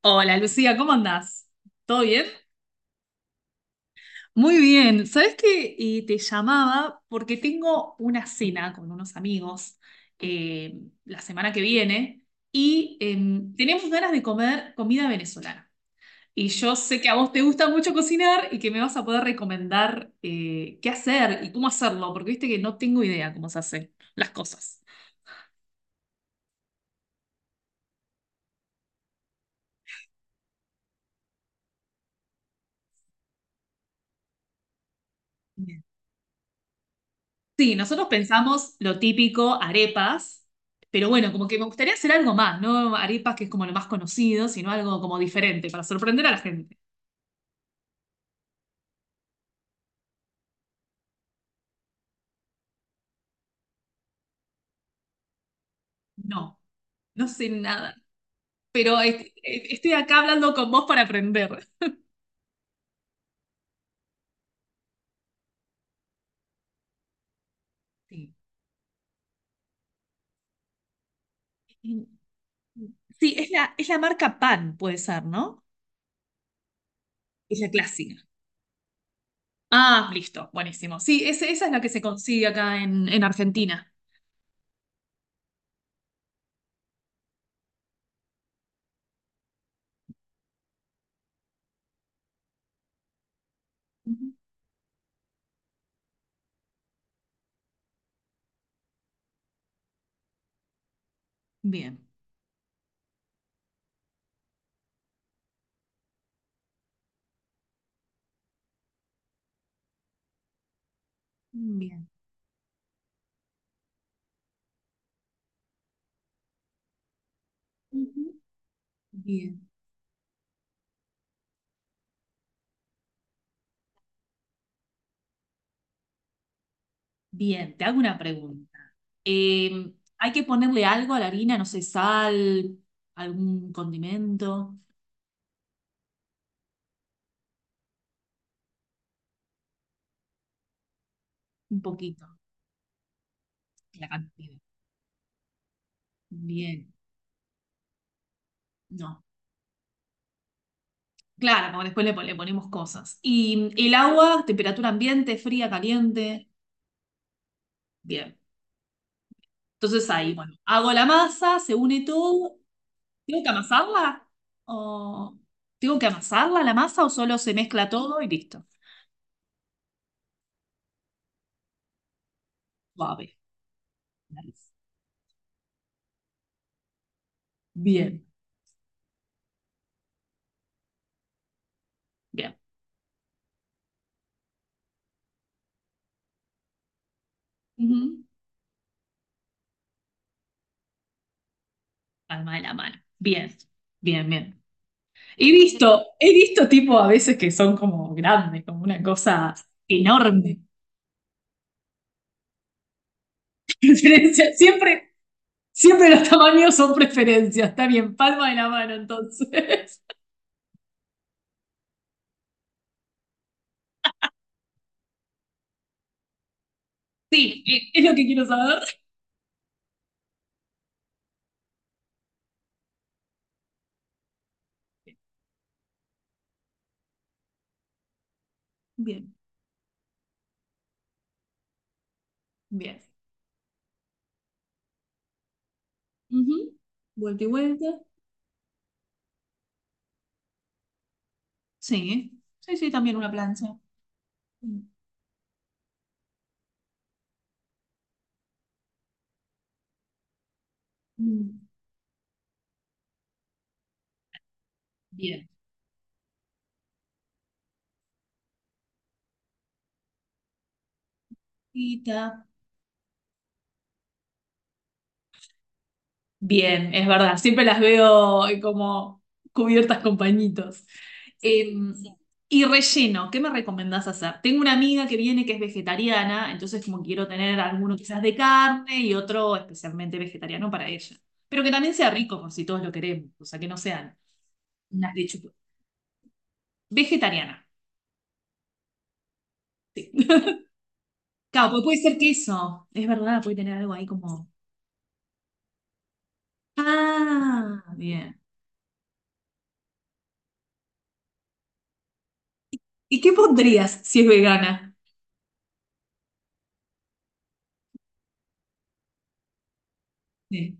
Hola Lucía, ¿cómo andás? ¿Todo bien? Muy bien. ¿Sabés qué? Te llamaba porque tengo una cena con unos amigos la semana que viene y tenemos ganas de comer comida venezolana. Y yo sé que a vos te gusta mucho cocinar y que me vas a poder recomendar qué hacer y cómo hacerlo, porque viste que no tengo idea cómo se hacen las cosas. Sí, nosotros pensamos lo típico, arepas, pero bueno, como que me gustaría hacer algo más, no arepas que es como lo más conocido, sino algo como diferente para sorprender a la gente. No, no sé nada, pero estoy acá hablando con vos para aprender. Sí, sí, es la marca Pan, puede ser, ¿no? Es la clásica. Ah, listo, buenísimo. Sí, esa es la que se consigue acá en Argentina. Ujú. Bien, bien. Ujú. Bien, bien. Te hago una pregunta. Hay que ponerle algo a la harina, no sé, sal, algún condimento, un poquito, la cantidad. Bien, no. Claro, porque después le ponemos cosas. Y el agua, temperatura ambiente, fría, caliente. Bien. Entonces ahí, bueno, hago la masa, se une todo. ¿Tengo que amasarla? ¿O tengo que amasarla la masa o solo se mezcla todo y listo? Suave. Nice. Bien, bien. Ujú. Palma de la mano. Bien, bien, bien. He visto tipo a veces que son como grandes, como una cosa enorme. Preferencia, siempre, siempre los tamaños son preferencias. Está bien, palma de la mano entonces. Sí, es lo que quiero saber. Bien, bien. Ujú. Vuelta y vuelta. Sí, sí, sí, también una plancha. Mm, mm. Bien. Bien, es verdad. Siempre las veo como cubiertas con pañitos. Eh, Sí, sí. Y relleno, ¿qué me recomendás hacer? Tengo una amiga que viene que es vegetariana, entonces como quiero tener alguno quizás de carne y otro especialmente vegetariano para ella. Pero que también sea rico por si todos lo queremos, o sea, que no sean unas lechugas. Vegetariana. Claro, porque puede ser queso, es verdad, puede tener algo ahí como... Ah, bien. ¿Y qué pondrías si es vegana? Sí.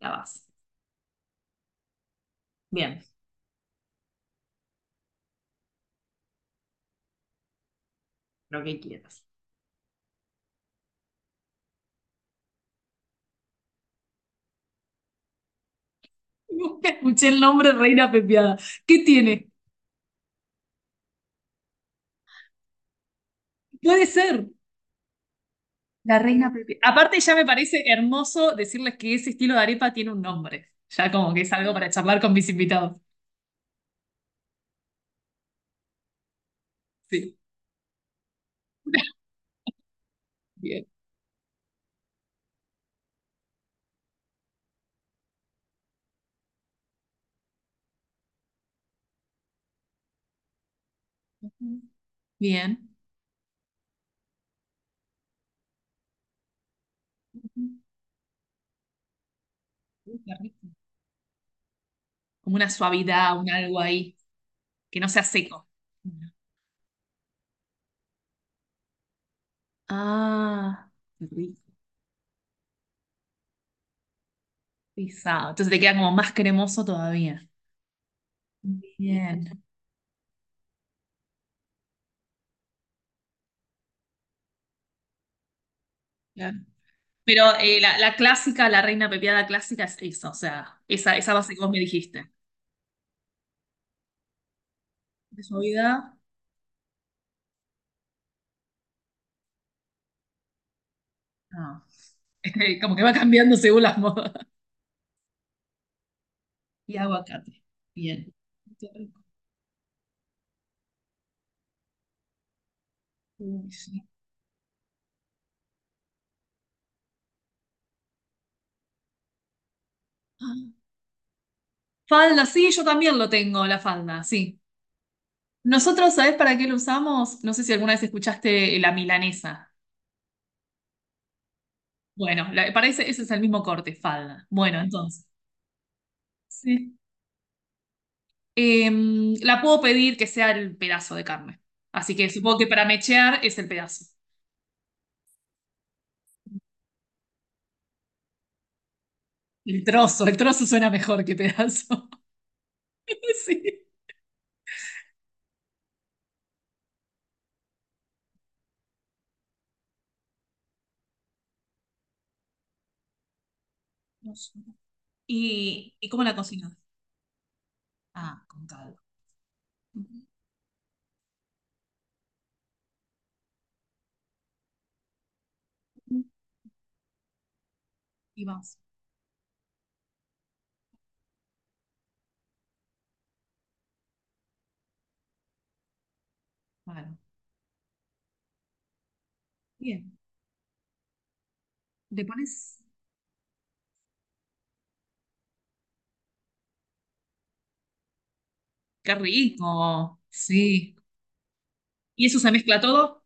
La base. Bien. Lo que quieras. Nunca escuché el nombre Reina Pepiada. ¿Qué tiene? Puede ser la Reina Pepeada. Aparte, ya me parece hermoso decirles que ese estilo de arepa tiene un nombre. Ya como que es algo para charlar con mis invitados. Sí. Bien. Bien. Uy, qué rico. Como una suavidad, un algo ahí, que no sea seco. Ah, qué rico. Pisado. Entonces te queda como más cremoso todavía. Bien. Claro. Pero la clásica, la reina pepiada clásica es esa, o sea, esa base que vos me dijiste. De su vida, ah, como que va cambiando según las modas. Y aguacate. Bien. Qué rico. Uy, sí. Ah, falda, sí, yo también lo tengo, la falda, sí. Nosotros, ¿sabés para qué lo usamos? No sé si alguna vez escuchaste la milanesa. Bueno, parece, ese es el mismo corte, falda. Bueno, entonces. Sí. Em, la puedo pedir que sea el pedazo de carne. Así que supongo que para mechear es el pedazo. El trozo suena mejor que pedazo. Sí. No. ¿Y, y cómo la cocinas? Ah, con caldo. Y vas. Claro. Bien. Le pones... ¡Qué rico! Sí. ¿Y eso se mezcla todo?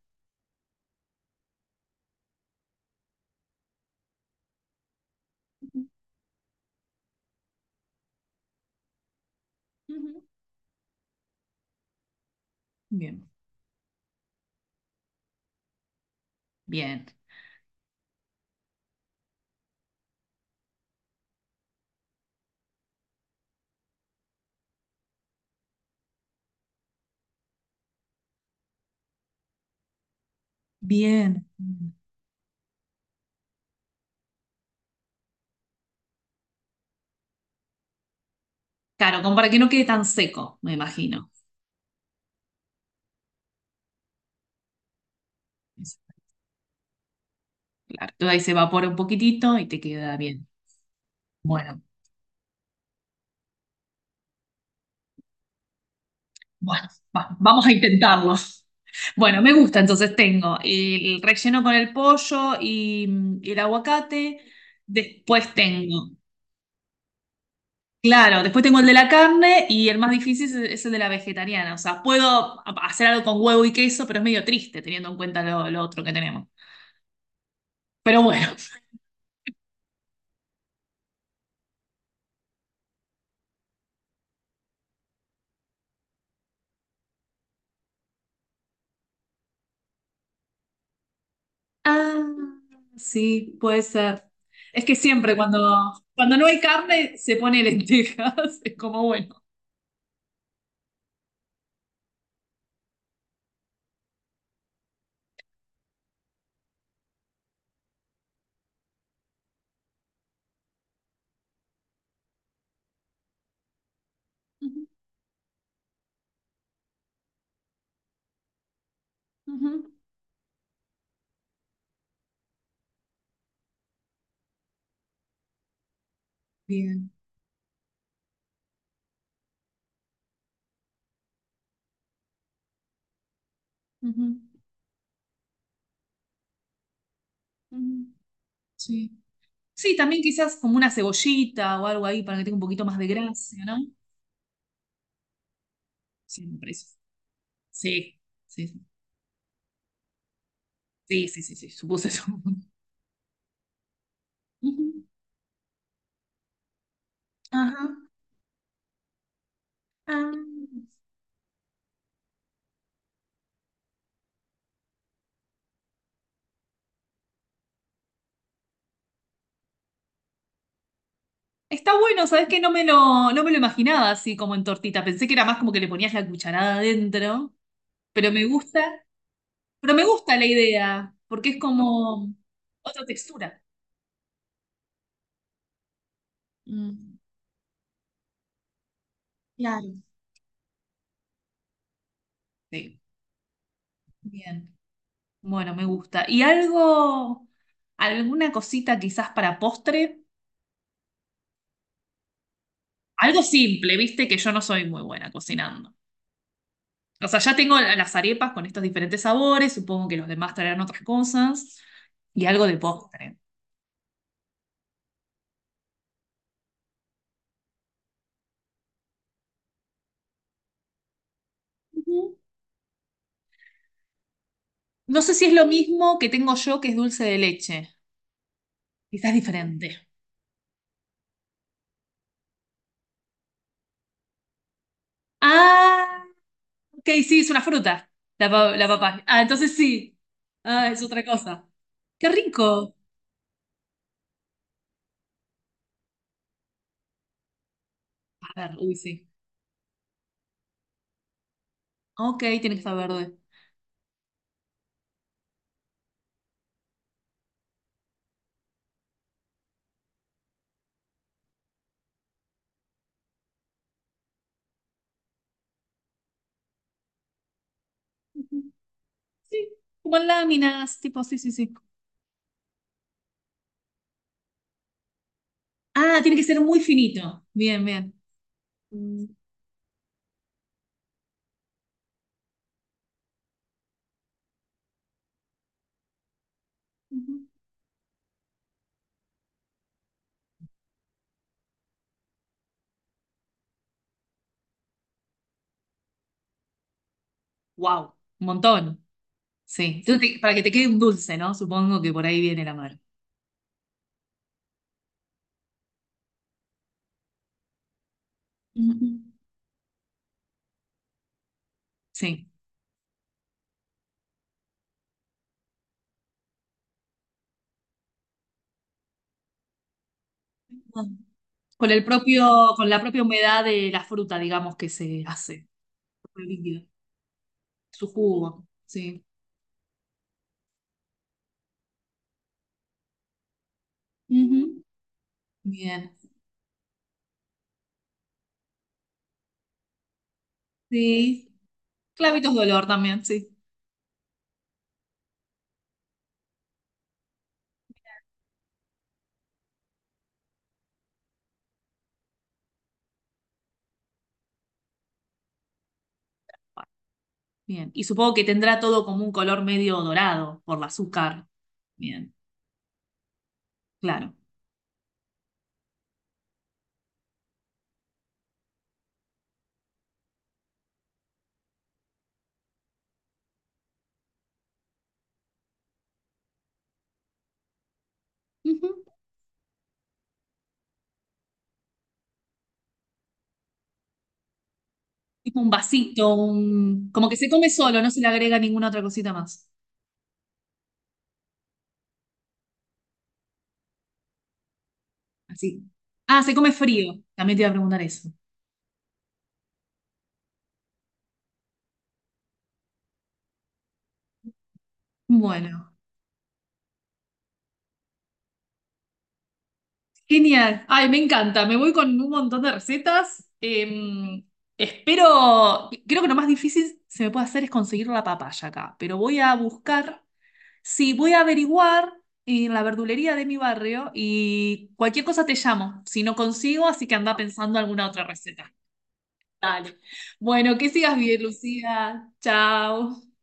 Ujú. Bien. Bien. Bien. Claro, como para que no quede tan seco, me imagino. Eso. Claro, todo ahí se evapora un poquitito y te queda bien. Bueno, bueno, vamos a intentarlo. Bueno, me gusta, entonces tengo el relleno con el pollo y mm, el aguacate. Después tengo, claro, después tengo el de la carne y el más difícil es el de la vegetariana. O sea, puedo hacer algo con huevo y queso, pero es medio triste teniendo en cuenta lo otro que tenemos. Pero bueno. Ah, sí, puede ser. Es que siempre cuando no hay carne se pone lentejas. Es como bueno. Ujú, ujú. Bien. Ujú. Mm, sí. Sí, también quizás como una cebollita o algo ahí para que tenga un poquito más de gracia, ¿no? Sí, me parece. Sí, sí, sí, sí, sí, sí, sí, supuse eso. Ujú. Ajá. Ah. Está bueno, ¿sabes que no me lo imaginaba así como en tortita? Pensé que era más como que le ponías la cucharada adentro, pero me gusta, pero me gusta la idea, porque es como otra textura. Mm, claro. Sí, bien. Bueno, me gusta. ¿Y algo, alguna cosita quizás para postre? Algo simple, viste que yo no soy muy buena cocinando. O sea, ya tengo las arepas con estos diferentes sabores, supongo que los demás traerán otras cosas, y algo de postre. Ujú. No sé si es lo mismo que tengo yo, que es dulce de leche. Quizás diferente. Ah, ok, sí, es una fruta, la. Sí, papaya. Ah, entonces sí. Ah, es otra cosa. Qué rico. A ver, uy, sí. Ok, tiene que estar verde. Sí, como en láminas, tipo, sí, sí, sí. Ah, tiene que ser muy finito. Bien, bien. Wow, un montón. Sí. Entonces, para que te quede un dulce, ¿no? Supongo que por ahí viene la mano. Ujú. Sí. Con el propio, con la propia humedad de la fruta, digamos, que se hace, el líquido, su jugo. Sí. Ujú. Bien. Sí. Clavitos de olor también, sí. Bueno, bien. Y supongo que tendrá todo como un color medio dorado por el azúcar. Bien, claro. Ujú. Tipo un vasito, un- como que se come solo, no se le agrega ninguna otra cosita más. Así. Ah, se come frío. También te iba a preguntar eso. Bueno, genial. Ay, me encanta. Me voy con un montón de recetas. Espero, creo que lo más difícil se me puede hacer es conseguir la papaya acá, pero voy a buscar, sí, voy a averiguar en la verdulería de mi barrio y cualquier cosa te llamo, si no consigo, así que anda pensando alguna otra receta. Dale. Bueno, que sigas bien, Lucía. Chao.